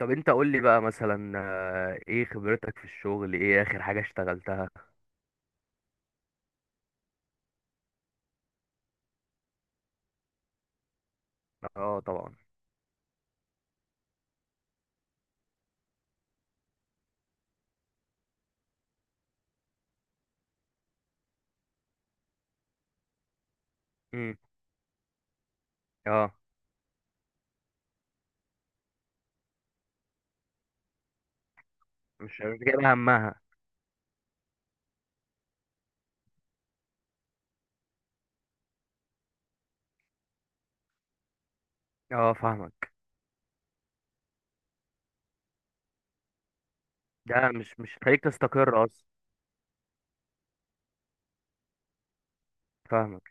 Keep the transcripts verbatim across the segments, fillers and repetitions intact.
طب، انت قول لي بقى مثلا، آه، ايه خبرتك في الشغل؟ ايه اخر حاجة اشتغلتها؟ اه، طبعا. امم. اه، مش مش جايب همها. اه، فاهمك. ده مش مش خليك تستقر اصلا. فاهمك.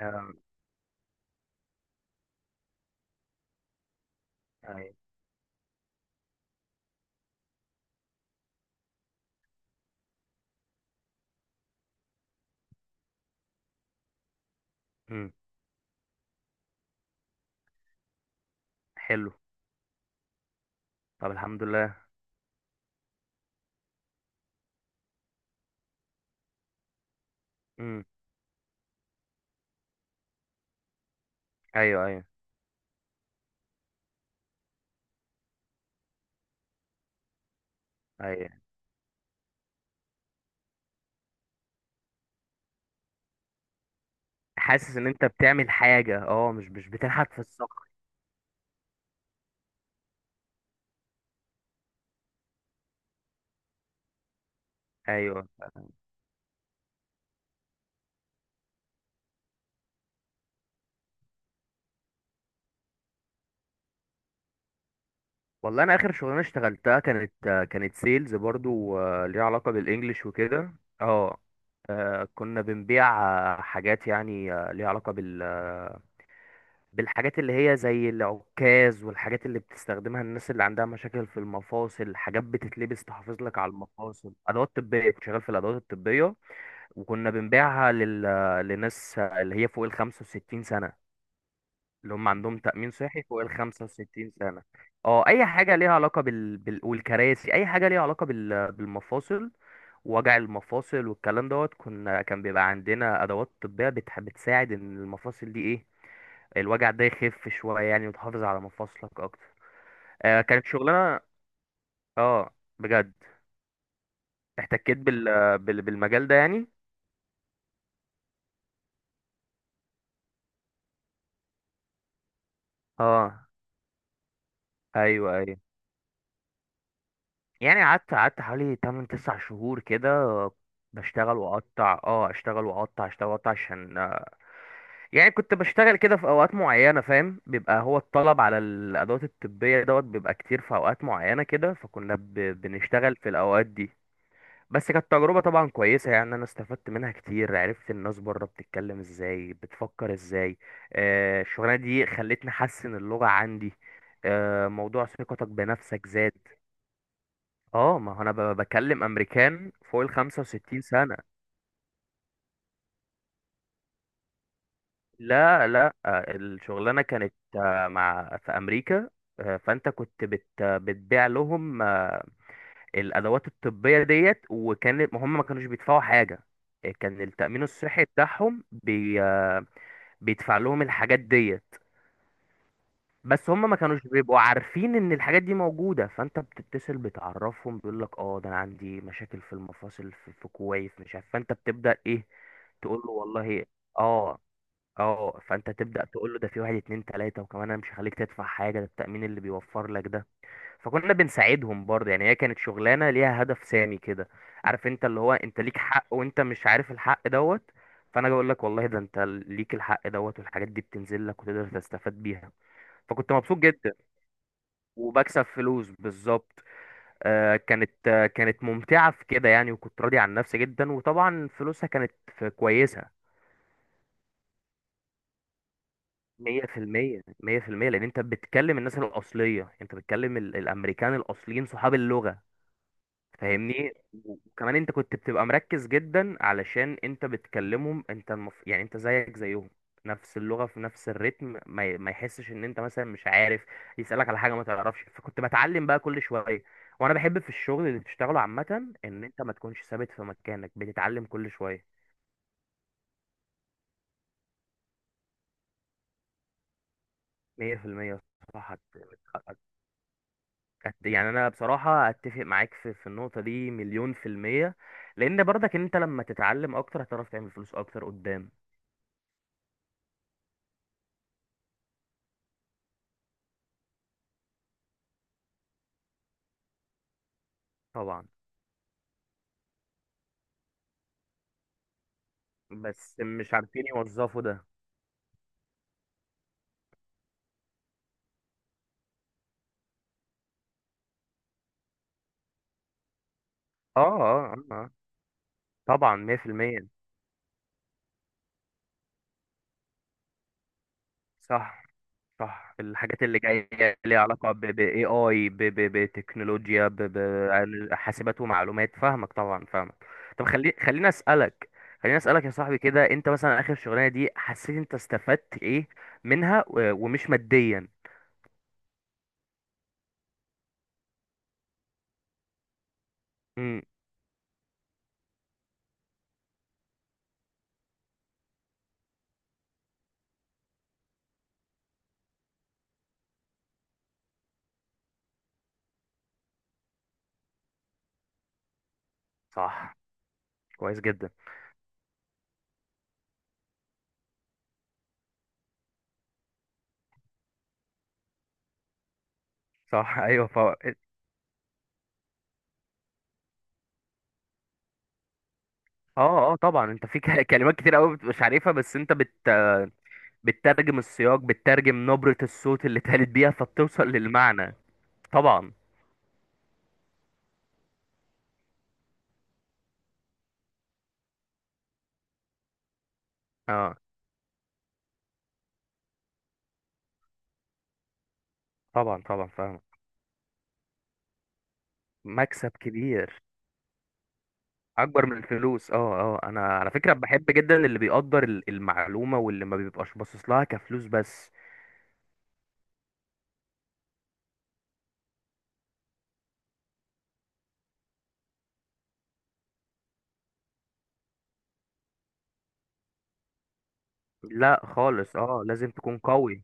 آه. ايوه. امم. حلو. طب، الحمد لله. امم. ايوه، ايوه. ايوه، حاسس ان انت بتعمل حاجة، اه مش مش بتنحت في الصخر. ايوه. والله، انا اخر شغلانه اشتغلتها كانت كانت سيلز برضو، آه، ليها علاقه بالانجليش وكده. اه. آه، كنا بنبيع آه، حاجات يعني آه، ليها علاقه بال آه، بالحاجات اللي هي زي العكاز، والحاجات اللي بتستخدمها الناس اللي عندها مشاكل في المفاصل، حاجات بتتلبس تحافظ لك على المفاصل، ادوات طبيه، كنت شغال في الادوات الطبيه. وكنا بنبيعها لل... آه، لناس آه، اللي هي فوق ال خمسة وستين سنه، اللي هم عندهم تأمين صحي فوق ال خمسة وستين سنة. اه، اي حاجة ليها علاقة بال... بال... والكراسي، اي حاجة ليها علاقة بال... بالمفاصل، وجع المفاصل والكلام دوت. كنا كان بيبقى عندنا ادوات طبية بتح... بتساعد ان المفاصل دي ايه، الوجع ده يخف شوية يعني، وتحافظ على مفاصلك اكتر. آه، كانت شغلانة. اه، بجد. احتكيت بال... بال... بالمجال ده يعني. اه، ايوه، ايوه، يعني قعدت قعدت حوالي تمن تسع شهور كده، بشتغل واقطع، اه اشتغل واقطع، اشتغل واقطع عشان، آه، يعني كنت بشتغل كده في اوقات معينه، فاهم؟ بيبقى هو الطلب على الادوات الطبيه دوت بيبقى كتير في اوقات معينه كده، فكنا ب... بنشتغل في الاوقات دي. بس كانت تجربه طبعا كويسه يعني، انا استفدت منها كتير، عرفت الناس بره بتتكلم ازاي، بتفكر ازاي. آه، الشغلانه دي خلتني احسن اللغه عندي. آه، موضوع ثقتك بنفسك زاد. اه، ما هو انا ب- بكلم امريكان فوق ال خمسة وستين سنة. لا، لا، آه، الشغلانة كانت، آه، مع في امريكا. آه، فانت كنت بت بتبيع لهم آه، الادوات الطبية ديت، وكان ما هم ما كانوش بيدفعوا حاجة. آه، كان التأمين الصحي بتاعهم بي آه، بيدفع لهم الحاجات ديت. بس هم ما كانوش بيبقوا عارفين ان الحاجات دي موجودة، فانت بتتصل بتعرفهم، بيقول لك: اه، ده انا عندي مشاكل في المفاصل في, في كويس مش عارف. فانت بتبدأ ايه؟ تقول له: والله. اه. اه، فانت تبدأ تقول له: ده في واحد، اتنين، تلاتة، وكمان انا مش هخليك تدفع حاجة، ده التأمين اللي بيوفر لك ده. فكنا بنساعدهم برضه يعني، هي كانت شغلانة ليها هدف سامي كده. عارف انت اللي هو انت ليك حق وانت مش عارف الحق دوت. فانا بقول لك والله ده انت ليك الحق دوت، والحاجات دي بتنزل لك وتقدر تستفاد بيها. فكنت مبسوط جدا، وبكسب فلوس بالظبط. آه، كانت آه، كانت ممتعة في كده يعني، وكنت راضي عن نفسي جدا، وطبعا فلوسها كانت في- كويسة. مية في المية، مية في المية، لأن أنت بتكلم الناس الأصلية، أنت بتكلم ال- الأمريكان الأصليين، صحاب اللغة. فاهمني. وكمان انت كنت بتبقى مركز جدا علشان انت بتكلمهم، انت المف... يعني انت زيك زيهم، نفس اللغة في نفس الريتم، ما, ي... ما يحسش ان انت مثلا مش عارف، يسألك على حاجة ما تعرفش، فكنت بتعلم بقى كل شوية. وانا بحب في الشغل اللي بتشتغله عامة ان انت ما تكونش ثابت في مكانك، بتتعلم كل شوية. مية في المية. صح. هت... هت- هت- يعني انا بصراحة اتفق معاك في, في النقطة دي مليون في المية. لان برضك انت لما تتعلم اكتر، هتعرف تعمل فلوس اكتر قدام. طبعا. بس مش عارفين يوظفوا ده. اه، اه، اه. آه. طبعا مية في المية. صح، صح، الحاجات اللي جايه ليها علاقه ب اي اي بتكنولوجيا، ب- ب- حاسبات ومعلومات. فاهمك، طبعا، فاهمك. طب، خلي خليني اسالك. خليني اسالك يا صاحبي كده، انت مثلا اخر شغلانه دي حسيت انت استفدت ايه منها، و- ومش ماديا؟ امم. صح. كويس جدا. صح. ايوه فوق. اه، اه، طبعا. انت في ك- كلمات كتير قوي مش عارفها، بس انت بت بتترجم السياق، بتترجم نبرة الصوت اللي اتقالت بيها، فبتوصل للمعنى. طبعا. اه. طبعا، طبعا، فاهم. مكسب كبير. اكبر من الفلوس. اه، اه، انا على فكرة بحب جدا اللي بيقدر ال- المعلومة، واللي ما بيبقاش باصص لها كفلوس بس. لا، خالص، اه، لازم تكون قوي.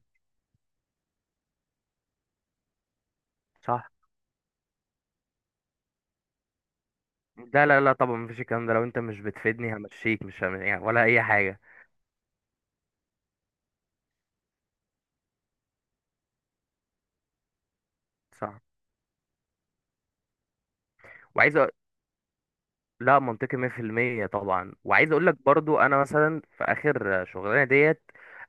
صح. لا، لا، لا، طبعا مفيش الكلام ده، لو انت مش بتفيدني همشيك، مش هم... يعني ولا اي حاجة. صح. وعايز أ- لا، منطقي مية في المية، طبعا. وعايز اقول لك برضو، انا مثلا في اخر شغلانه ديت،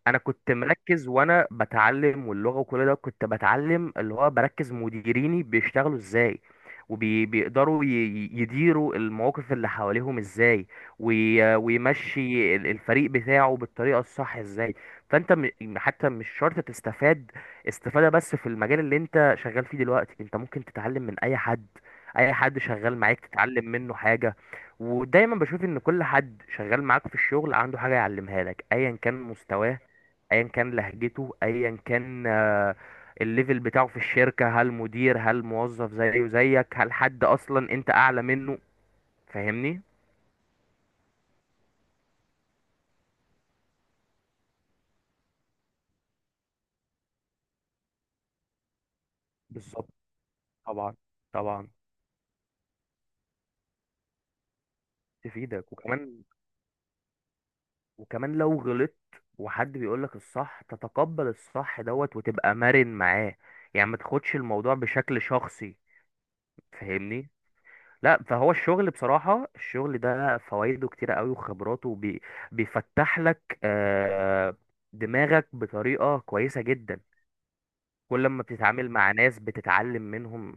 انا كنت مركز وانا بتعلم، واللغه وكل ده كنت بتعلم، اللي هو بركز مديريني بيشتغلوا ازاي، وبيقدروا يديروا المواقف اللي حواليهم ازاي، وي- ويمشي ال- الفريق بتاعه بالطريقه الصح ازاي. فانت م- حتى مش شرط تستفاد استفاده بس في المجال اللي انت شغال فيه دلوقتي، انت ممكن تتعلم من اي حد، اي حد شغال معاك تتعلم منه حاجه. ودايما بشوف ان كل حد شغال معاك في الشغل عنده حاجة يعلمها لك، ايا كان مستواه، ايا كان لهجته، ايا كان آه، الليفل بتاعه في الشركة، هل مدير، هل موظف زيه زيك، هل حد اصلا انت اعلى منه. فاهمني. بالظبط. طبعا. طبعا. تفيدك وكمان، وكمان لو غلطت وحد بيقول لك الصح، تتقبل الصح دوت وتبقى مرن معاه، يعني ما تاخدش الموضوع بشكل شخصي. فاهمني. لا، فهو الشغل بصراحة، الشغل ده فوائده كتيرة قوي، وخبراته بي بيفتح لك آه، دماغك بطريقة كويسة جدا. كل ما بتتعامل مع ناس بتتعلم منهم.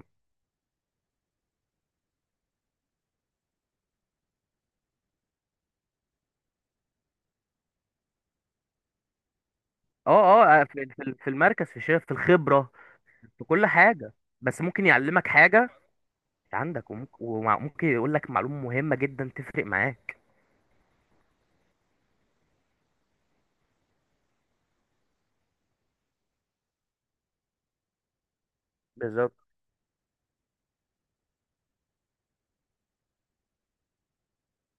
اه، اه، آه، في في- في المركز، في الشغل، في الخبرة، في كل حاجة، بس ممكن يعلمك حاجة، عندك وممكن, وممكن يقول لك معلومة مهمة جدا تفرق معاك. بالظبط.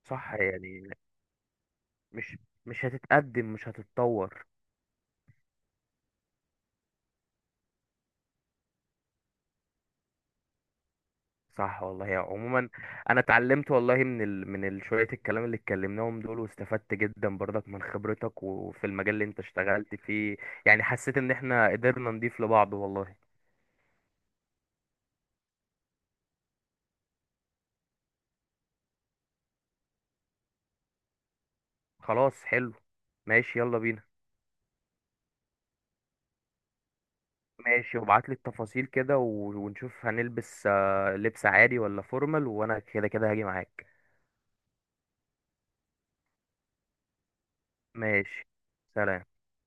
صح يعني، مش مش هتتقدم، مش هتتطور. صح، والله، يا عموما، انا اتعلمت والله من ال... من ال- شويه الكلام اللي اتكلمناهم دول، واستفدت جدا برضك من خبرتك وفي المجال اللي انت اشتغلت فيه. يعني حسيت ان احنا قدرنا نضيف لبعض والله. خلاص، حلو. ماشي، يلا بينا. ماشي، وابعت لي التفاصيل كده و... ونشوف هنلبس آه، لبس عادي ولا فورمال، وانا كده كده هاجي معاك. ماشي. سلام.